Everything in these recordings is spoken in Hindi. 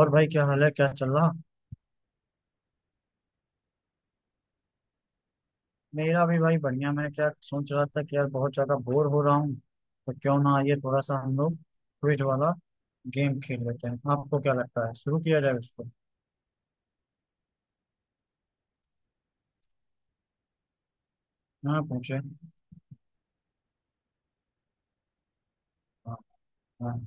और भाई क्या हाल है, क्या चल रहा। मेरा भी भाई बढ़िया। मैं क्या सोच रहा था कि यार बहुत ज्यादा बोर हो रहा हूँ, तो क्यों ना ये थोड़ा सा हम लोग क्विज वाला गेम खेल लेते हैं। आपको क्या लगता है, शुरू किया जाए उसको? हाँ, पूछे, हाँ। हाँ,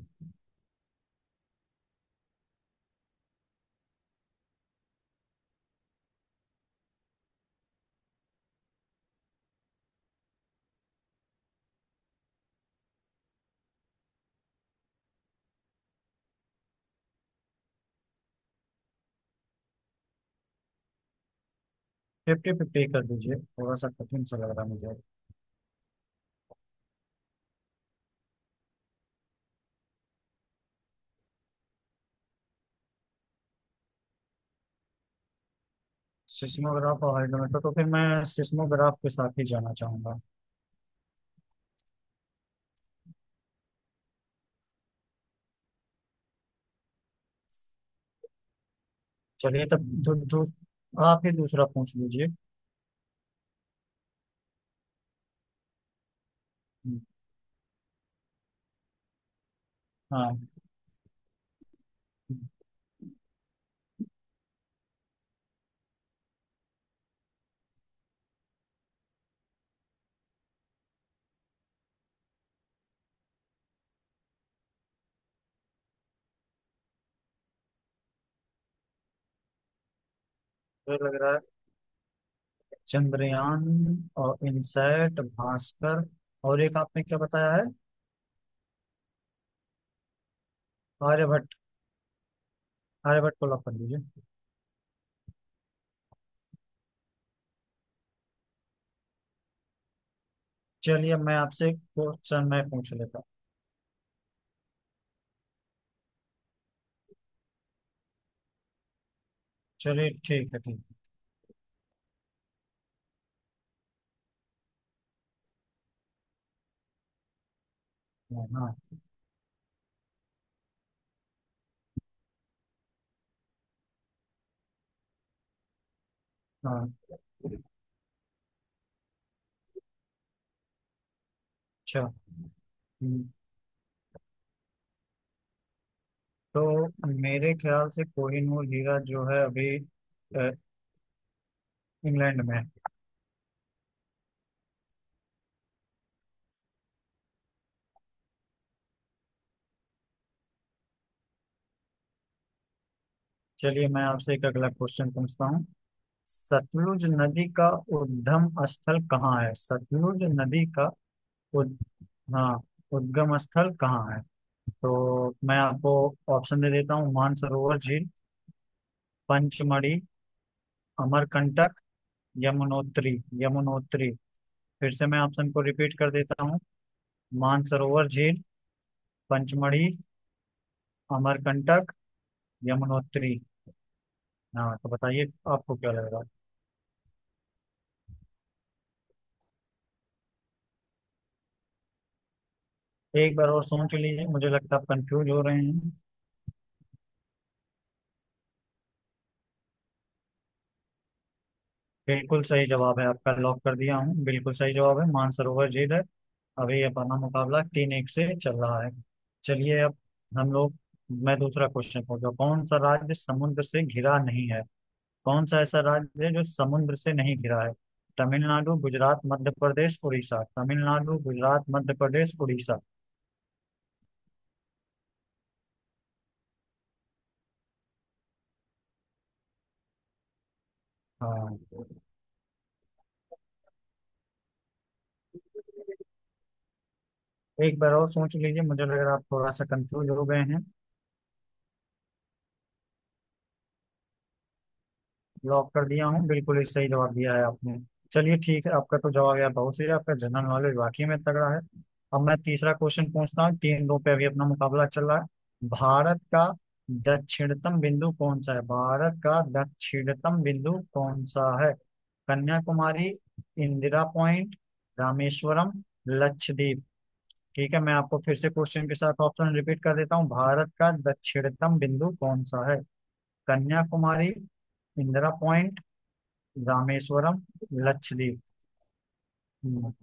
50-50 कर दीजिए, थोड़ा सा कठिन सा लग रहा है मुझे। सिस्मोग्राफ और हाइड्रोमीटर, तो फिर मैं सिस्मोग्राफ के साथ ही जाना चाहूंगा। चलिए तब दू, दू, आप ही दूसरा पूछ लीजिए। हम्म, हाँ मुझे लग रहा है। चंद्रयान और इनसैट भास्कर और एक आपने क्या बताया है? आर्यभट्ट। आर्यभट्ट को लॉक कर दीजिए। चलिए मैं आपसे क्वेश्चन मैं पूछ लेता हूँ। चलिए ठीक है, ठीक है। हाँ हाँ हाँ, अच्छा। हम्म, तो मेरे ख्याल से कोहिनूर हीरा जो है अभी अ, इंग्लैंड में है। चलिए मैं आपसे एक अगला क्वेश्चन पूछता हूँ। सतलुज नदी का उद्गम स्थल कहाँ है? सतलुज नदी का उद हाँ, उद्गम स्थल कहाँ है? तो मैं आपको ऑप्शन दे देता हूँ। मानसरोवर झील, पंचमढ़ी, अमरकंटक, यमुनोत्री। यमुनोत्री। फिर से मैं ऑप्शन को रिपीट कर देता हूँ। मानसरोवर झील, पंचमढ़ी, अमरकंटक, यमुनोत्री। हाँ तो बताइए आपको क्या लग रहा है। एक बार और सोच लीजिए, मुझे लगता है आप कंफ्यूज हो रहे हैं। बिल्कुल सही जवाब है आपका, लॉक कर दिया हूँ, बिल्कुल सही जवाब है, मानसरोवर झील है। अभी अपना मुकाबला 3-1 से चल रहा है। चलिए अब हम लोग, मैं दूसरा क्वेश्चन पूछता हूँ। कौन सा राज्य समुद्र से घिरा नहीं है? कौन सा ऐसा राज्य है जो समुद्र से नहीं घिरा है? तमिलनाडु, गुजरात, मध्य प्रदेश, उड़ीसा। तमिलनाडु, गुजरात, मध्य प्रदेश, उड़ीसा। हाँ, एक बार और सोच लीजिए, मुझे लग रहा है आप थोड़ा सा कंफ्यूज हो गए हैं। लॉक कर दिया हूँ, बिल्कुल ही सही जवाब दिया है आपने। चलिए ठीक है, आपका तो जवाब यार बहुत सही है, आपका जनरल नॉलेज वाकई में तगड़ा है। अब मैं तीसरा क्वेश्चन पूछता हूँ, 3-2 पे अभी अपना मुकाबला चल रहा है। भारत का दक्षिणतम बिंदु कौन सा है? भारत का दक्षिणतम बिंदु कौन सा है? कन्याकुमारी, इंदिरा पॉइंट, रामेश्वरम, लक्षद्वीप। ठीक है, मैं आपको फिर से क्वेश्चन के साथ ऑप्शन रिपीट कर देता हूँ। भारत का दक्षिणतम बिंदु कौन सा है? कन्याकुमारी, इंदिरा पॉइंट, रामेश्वरम, लक्षद्वीप। हम्म,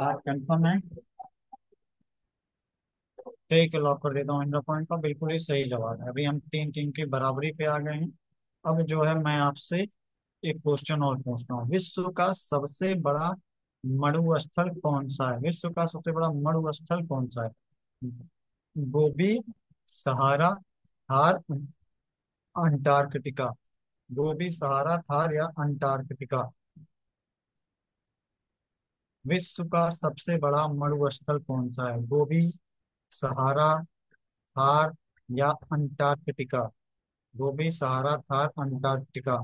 बात कंफर्म है? ठीक है, लॉक कर देता हूँ, इंद्र पॉइंट का बिल्कुल ही सही जवाब है। अभी हम 3-3 की बराबरी पे आ गए हैं। अब जो है मैं आपसे एक क्वेश्चन और पूछता हूँ। विश्व का सबसे बड़ा मड़ु स्थल कौन सा है? विश्व का सबसे बड़ा मड़ु स्थल कौन सा है? Gobi, Sahara, Thar, Antarctica. Gobi, Sahara, Thar या अंटार्कटिका। विश्व का सबसे बड़ा मरुस्थल कौन सा है? गोबी, सहारा, थार या Antarctica. Gobi, Sahara, Thar, Antarctica.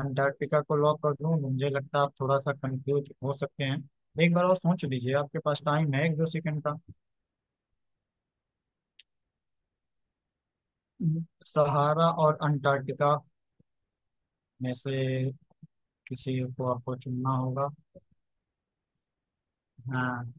Antarctica को लॉक कर दूं? मुझे लगता है आप थोड़ा सा कंफ्यूज हो सकते हैं। एक बार और सोच लीजिए, आपके पास टाइम है 1-2 सेकंड का। हम्म। सहारा और अंटार्कटिका में से किसी को आपको चुनना होगा। हाँ,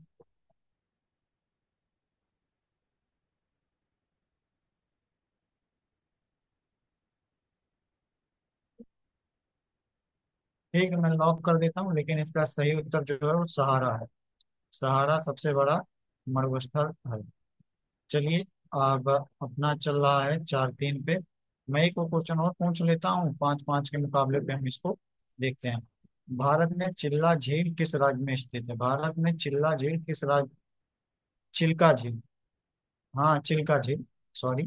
ठीक है, मैं लॉक कर देता हूँ, लेकिन इसका सही उत्तर जो है वो सहारा है। सहारा सबसे बड़ा मरुस्थल है। चलिए अब अपना चल रहा है 4-3 पे। मैं एक और क्वेश्चन और पूछ लेता हूँ, 5-5 के मुकाबले पे हम इसको देखते हैं। भारत में चिल्ला झील किस राज्य में स्थित है? भारत में चिल्ला झील किस राज्य। चिल्का झील, हाँ चिल्का झील, सॉरी।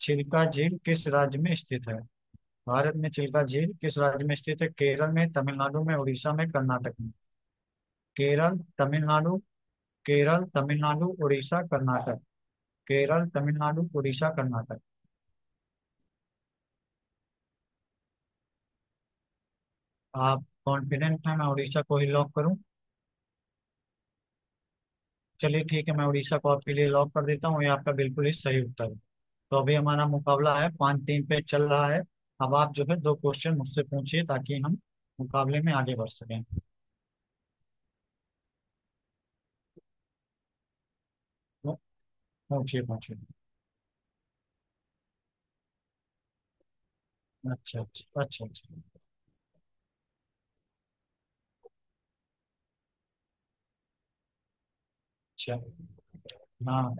चिल्का झील किस राज्य में स्थित है? भारत में चिल्का झील किस राज्य में स्थित है? केरल में, तमिलनाडु में, उड़ीसा में, कर्नाटक में। केरल, तमिलनाडु, केरल, तमिलनाडु, उड़ीसा, कर्नाटक। केरल, तमिलनाडु, उड़ीसा, कर्नाटक। आप कॉन्फिडेंट हैं मैं उड़ीसा को ही लॉक करूं? चलिए ठीक है, मैं उड़ीसा को आपके लिए लॉक कर देता हूं, ये आपका बिल्कुल ही सही उत्तर है। तो अभी हमारा मुकाबला है 5-3 पे चल रहा है। अब आप जो है 2 क्वेश्चन मुझसे पूछिए ताकि हम मुकाबले में आगे बढ़ सकें। तो पूछिए पूछिए। अच्छा, अच्छा, अच्छा, अच्छा, अच्छा। हाँ,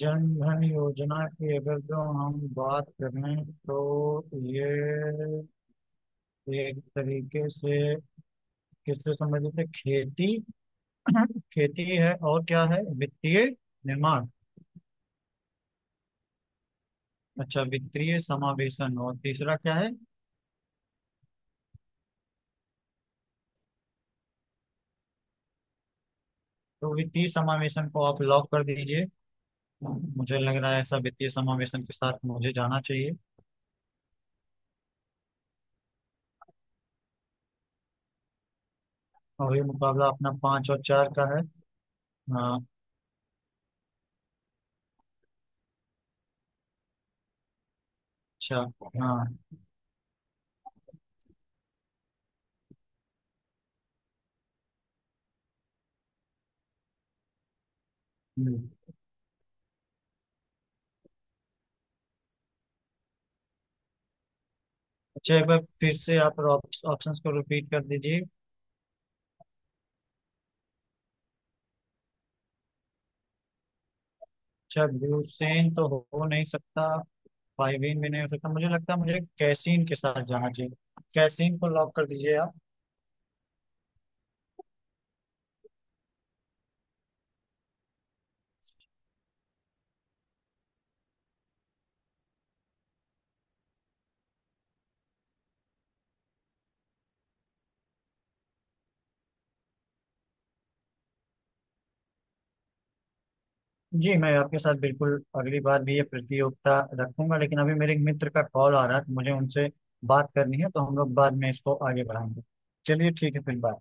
जन धन योजना की अगर जो हम बात करें, तो ये एक तरीके से किससे संबंधित है? खेती, खेती है और क्या है, वित्तीय निर्माण। अच्छा, वित्तीय समावेशन, और तीसरा क्या है? तो वित्तीय समावेशन को आप लॉक कर दीजिए, मुझे लग रहा है ऐसा, वित्तीय समावेशन के साथ मुझे जाना चाहिए। और ये मुकाबला अपना 5-4 का है। हाँ, अच्छा। हाँ। हम्म। अच्छा, एक बार फिर से आप ऑप्शंस को रिपीट कर दीजिए। अच्छा, ब्यूसेन तो हो नहीं सकता, फाइवीन भी नहीं हो सकता, मुझे लगता है मुझे कैसीन के साथ जाना चाहिए। कैसीन को लॉक कर दीजिए आप। जी, मैं आपके साथ बिल्कुल अगली बार भी ये प्रतियोगिता रखूंगा, लेकिन अभी मेरे एक मित्र का कॉल आ रहा है तो मुझे उनसे बात करनी है, तो हम लोग बाद में इसको आगे बढ़ाएंगे। चलिए ठीक है, फिर बाय।